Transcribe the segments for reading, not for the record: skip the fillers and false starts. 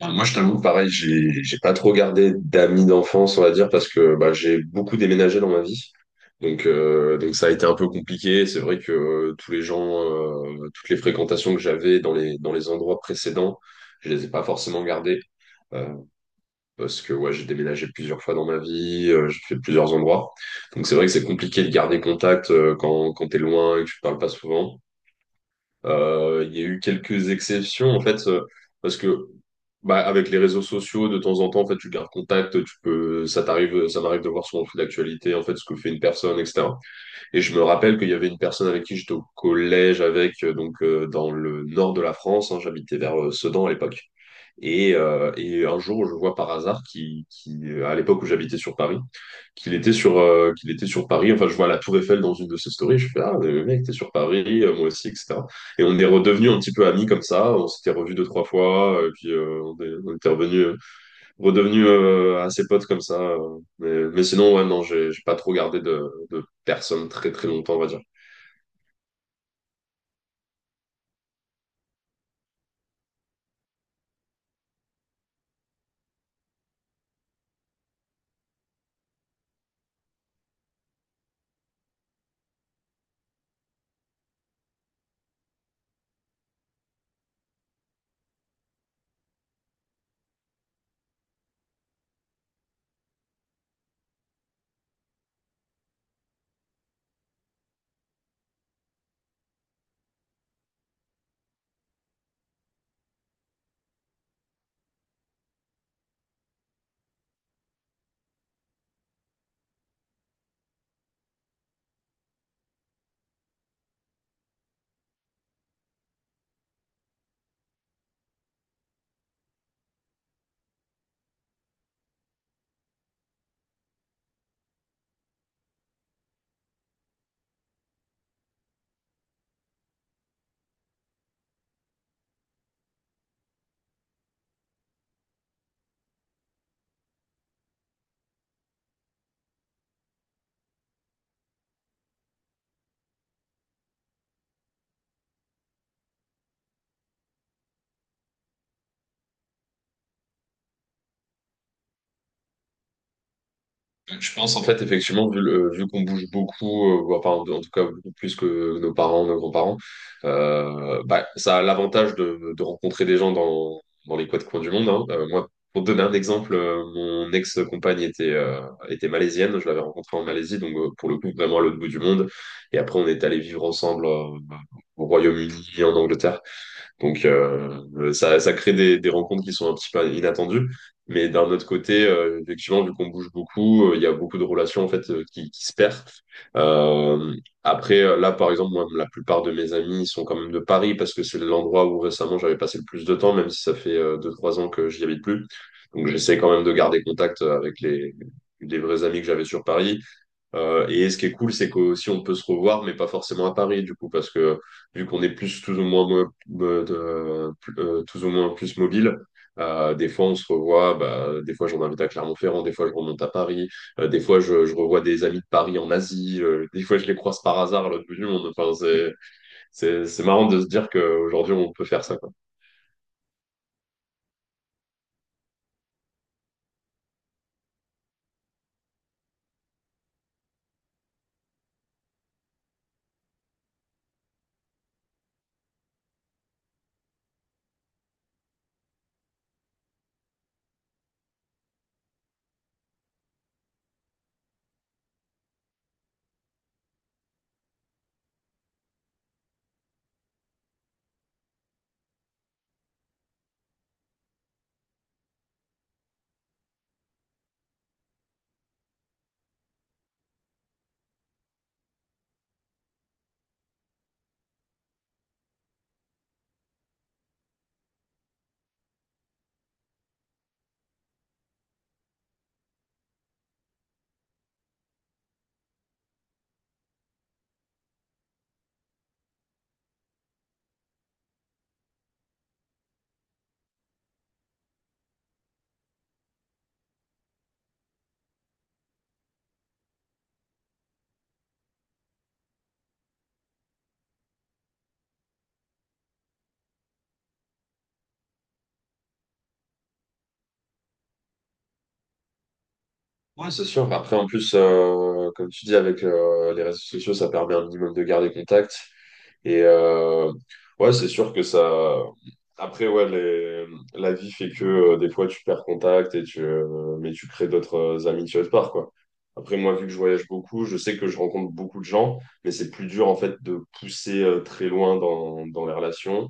Enfin, moi, je t'avoue, pareil, j'ai pas trop gardé d'amis d'enfance, on va dire, parce que bah, j'ai beaucoup déménagé dans ma vie. Donc ça a été un peu compliqué. C'est vrai que tous les gens, toutes les fréquentations que j'avais dans les endroits précédents, je les ai pas forcément gardées euh, parce que ouais, j'ai déménagé plusieurs fois dans ma vie, j'ai fait plusieurs endroits. Donc c'est vrai que c'est compliqué de garder contact quand t'es loin et que tu te parles pas souvent. Il y a eu quelques exceptions en fait parce que bah, avec les réseaux sociaux, de temps en temps, en fait, tu gardes contact, tu peux, ça t'arrive, ça m'arrive de voir sur mon fil d'actualité, en fait, ce que fait une personne, etc. Et je me rappelle qu'il y avait une personne avec qui j'étais au collège avec, donc dans le nord de la France, hein, j'habitais vers Sedan à l'époque. Et un jour, je vois par hasard qui, à l'époque où j'habitais sur Paris, qu'il était sur Paris. Enfin, je vois la Tour Eiffel dans une de ses stories. Je fais, ah, le mec, t'es sur Paris, moi aussi, etc. Et on est redevenu un petit peu amis comme ça. On s'était revus deux, trois fois. Et puis, on était revenus redevenu assez potes comme ça. Mais sinon, ouais, non, j'ai pas trop gardé de personnes très très longtemps, on va dire. Je pense en fait, effectivement, vu qu'on bouge beaucoup, ou enfin, en tout cas beaucoup plus que nos parents, nos grands-parents, bah, ça a l'avantage de rencontrer des gens dans les quatre coins du monde, hein. Moi, pour te donner un exemple, mon ex-compagne était malaisienne, je l'avais rencontrée en Malaisie, donc pour le coup, vraiment à l'autre bout du monde. Et après, on est allé vivre ensemble au Royaume-Uni, en Angleterre. Donc, ça crée des rencontres qui sont un petit peu inattendues. Mais d'un autre côté, effectivement, vu qu'on bouge beaucoup, il y a beaucoup de relations en fait qui se perdent. Euh, après, là, par exemple, moi, la plupart de mes amis sont quand même de Paris parce que c'est l'endroit où récemment j'avais passé le plus de temps, même si ça fait deux, trois ans que j'y habite plus. Donc, j'essaie quand même de garder contact avec les vrais amis que j'avais sur Paris. Et ce qui est cool, c'est qu'aussi on peut se revoir, mais pas forcément à Paris, du coup, parce que vu qu'on est plus tous ou moins, tous ou moins plus mobile, des fois on se revoit, bah, des fois j'en invite à Clermont-Ferrand, des fois je remonte à Paris, des fois je revois des amis de Paris en Asie, des fois je les croise par hasard à l'autre bout du monde. Enfin, c'est marrant de se dire qu'aujourd'hui on peut faire ça, quoi. Ouais, c'est sûr. Après, en plus, comme tu dis, avec les réseaux sociaux, ça permet un minimum de garder contact. Et ouais, c'est sûr que ça. Après, ouais, la vie fait que des fois tu perds contact mais tu crées d'autres amitiés autre part, quoi. Après, moi, vu que je voyage beaucoup, je sais que je rencontre beaucoup de gens, mais c'est plus dur en fait de pousser très loin dans les relations.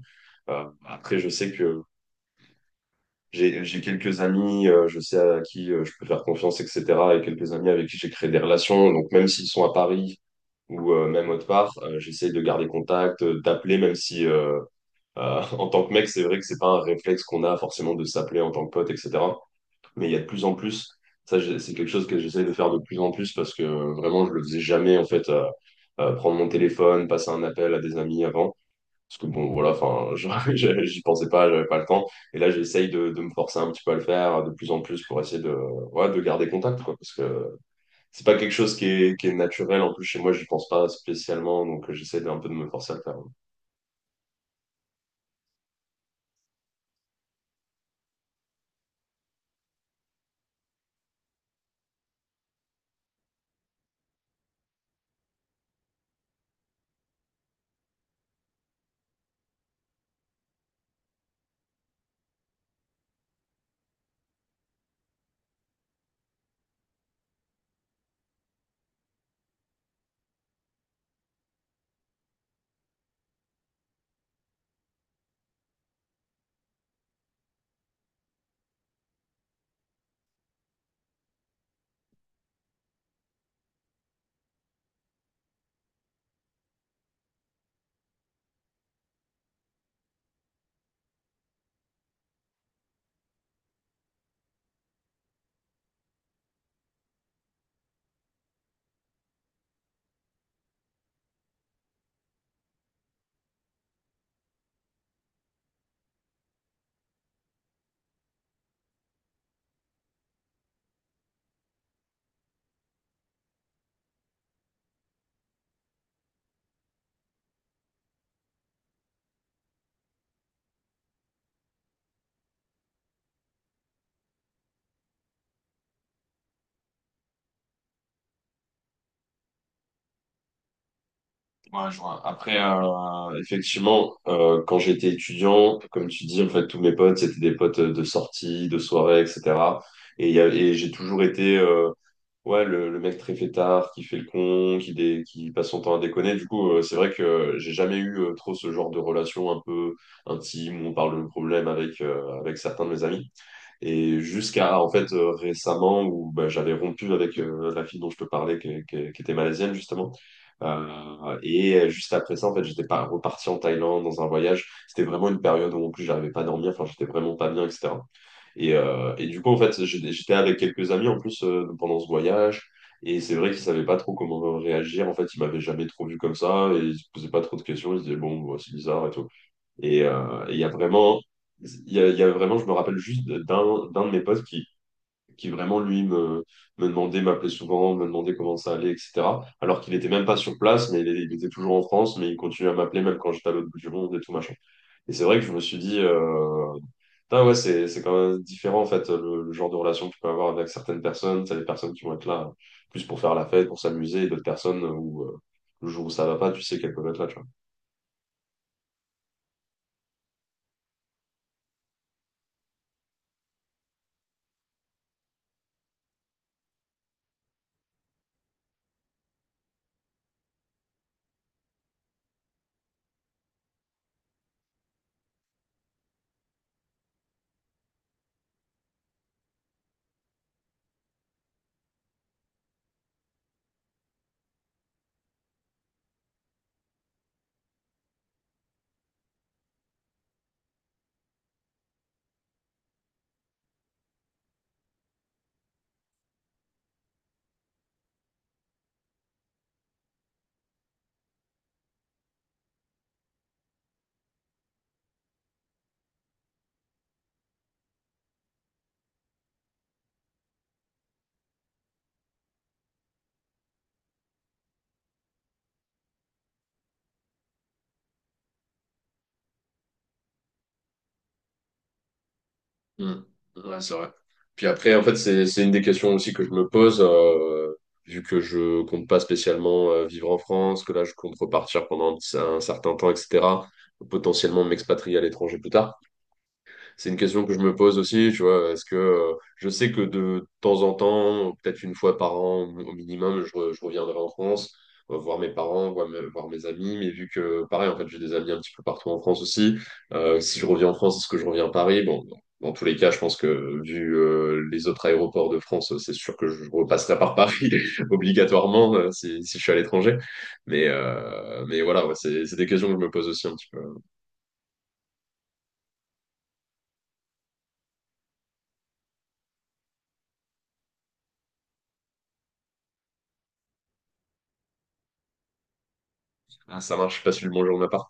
Après, je sais que j'ai quelques amis, je sais à qui je peux faire confiance, etc. Et quelques amis avec qui j'ai créé des relations. Donc, même s'ils sont à Paris ou même autre part, j'essaye de garder contact, d'appeler, même si en tant que mec, c'est vrai que c'est pas un réflexe qu'on a forcément de s'appeler en tant que pote, etc. Mais il y a de plus en plus. Ça, c'est quelque chose que j'essaye de faire de plus en plus parce que vraiment, je le faisais jamais, en fait, prendre mon téléphone, passer un appel à des amis avant. Parce que bon, voilà, enfin, j'y pensais pas, j'avais pas le temps. Et là, j'essaye de me forcer un petit peu à le faire de plus en plus pour essayer de, ouais, de garder contact, quoi. Parce que c'est pas quelque chose qui est naturel. En plus, chez moi, j'y pense pas spécialement. Donc, j'essaie un peu de me forcer à le faire. Ouais, je vois. Après, effectivement, quand j'étais étudiant, comme tu dis, en fait, tous mes potes, c'était des potes de sortie, de soirée, etc. Et j'ai toujours été. Ouais, le mec très fêtard, qui fait le con, qui passe son temps à déconner. Du coup, c'est vrai que j'ai jamais eu trop ce genre de relation un peu intime où on parle de nos problèmes avec certains de mes amis. Et jusqu'à, en fait, récemment où bah, j'avais rompu avec la fille dont je te parlais, qui était malaisienne, justement. Et juste après ça, en fait, j'étais pas reparti en Thaïlande dans un voyage. C'était vraiment une période où, en plus, j'arrivais pas à dormir. Enfin, j'étais vraiment pas bien, etc. Et du coup, en fait, j'étais avec quelques amis en plus pendant ce voyage. Et c'est vrai qu'ils savaient pas trop comment réagir. En fait, ils m'avaient jamais trop vu comme ça. Et ils se posaient pas trop de questions. Ils se disaient, bon, bah, c'est bizarre et tout. Et il y a vraiment, il y a vraiment, je me rappelle juste d'un de mes potes qui vraiment, lui, me demandait, m'appelait souvent, me demandait comment ça allait, etc. Alors qu'il était même pas sur place, mais il était toujours en France. Mais il continuait à m'appeler même quand j'étais à l'autre bout du monde et tout, machin. Et c'est vrai que je me suis dit, ah ouais, c'est quand même différent en fait le genre de relation que tu peux avoir avec certaines personnes. T'as des personnes qui vont être là plus pour faire la fête, pour s'amuser, et d'autres personnes où le jour où ça va pas, tu sais qu'elles peuvent être là, tu vois. Hmm. Ouais, c'est vrai. Puis après, en fait, c'est une des questions aussi que je me pose, vu que je compte pas spécialement vivre en France, que là, je compte repartir pendant un certain temps, etc., potentiellement m'expatrier à l'étranger plus tard. C'est une question que je me pose aussi, tu vois. Est-ce que je sais que de temps en temps, peut-être une fois par an au minimum, je reviendrai en France, voir mes parents, voir mes amis. Mais vu que, pareil, en fait, j'ai des amis un petit peu partout en France aussi. Si je reviens en France, est-ce que je reviens à Paris? Bon, dans tous les cas, je pense que vu les autres aéroports de France, c'est sûr que je repasserai par Paris obligatoirement si je suis à l'étranger. Mais voilà, ouais, c'est des questions que je me pose aussi un petit peu. Ah, ça marche, je passe une bonne journée à Paris.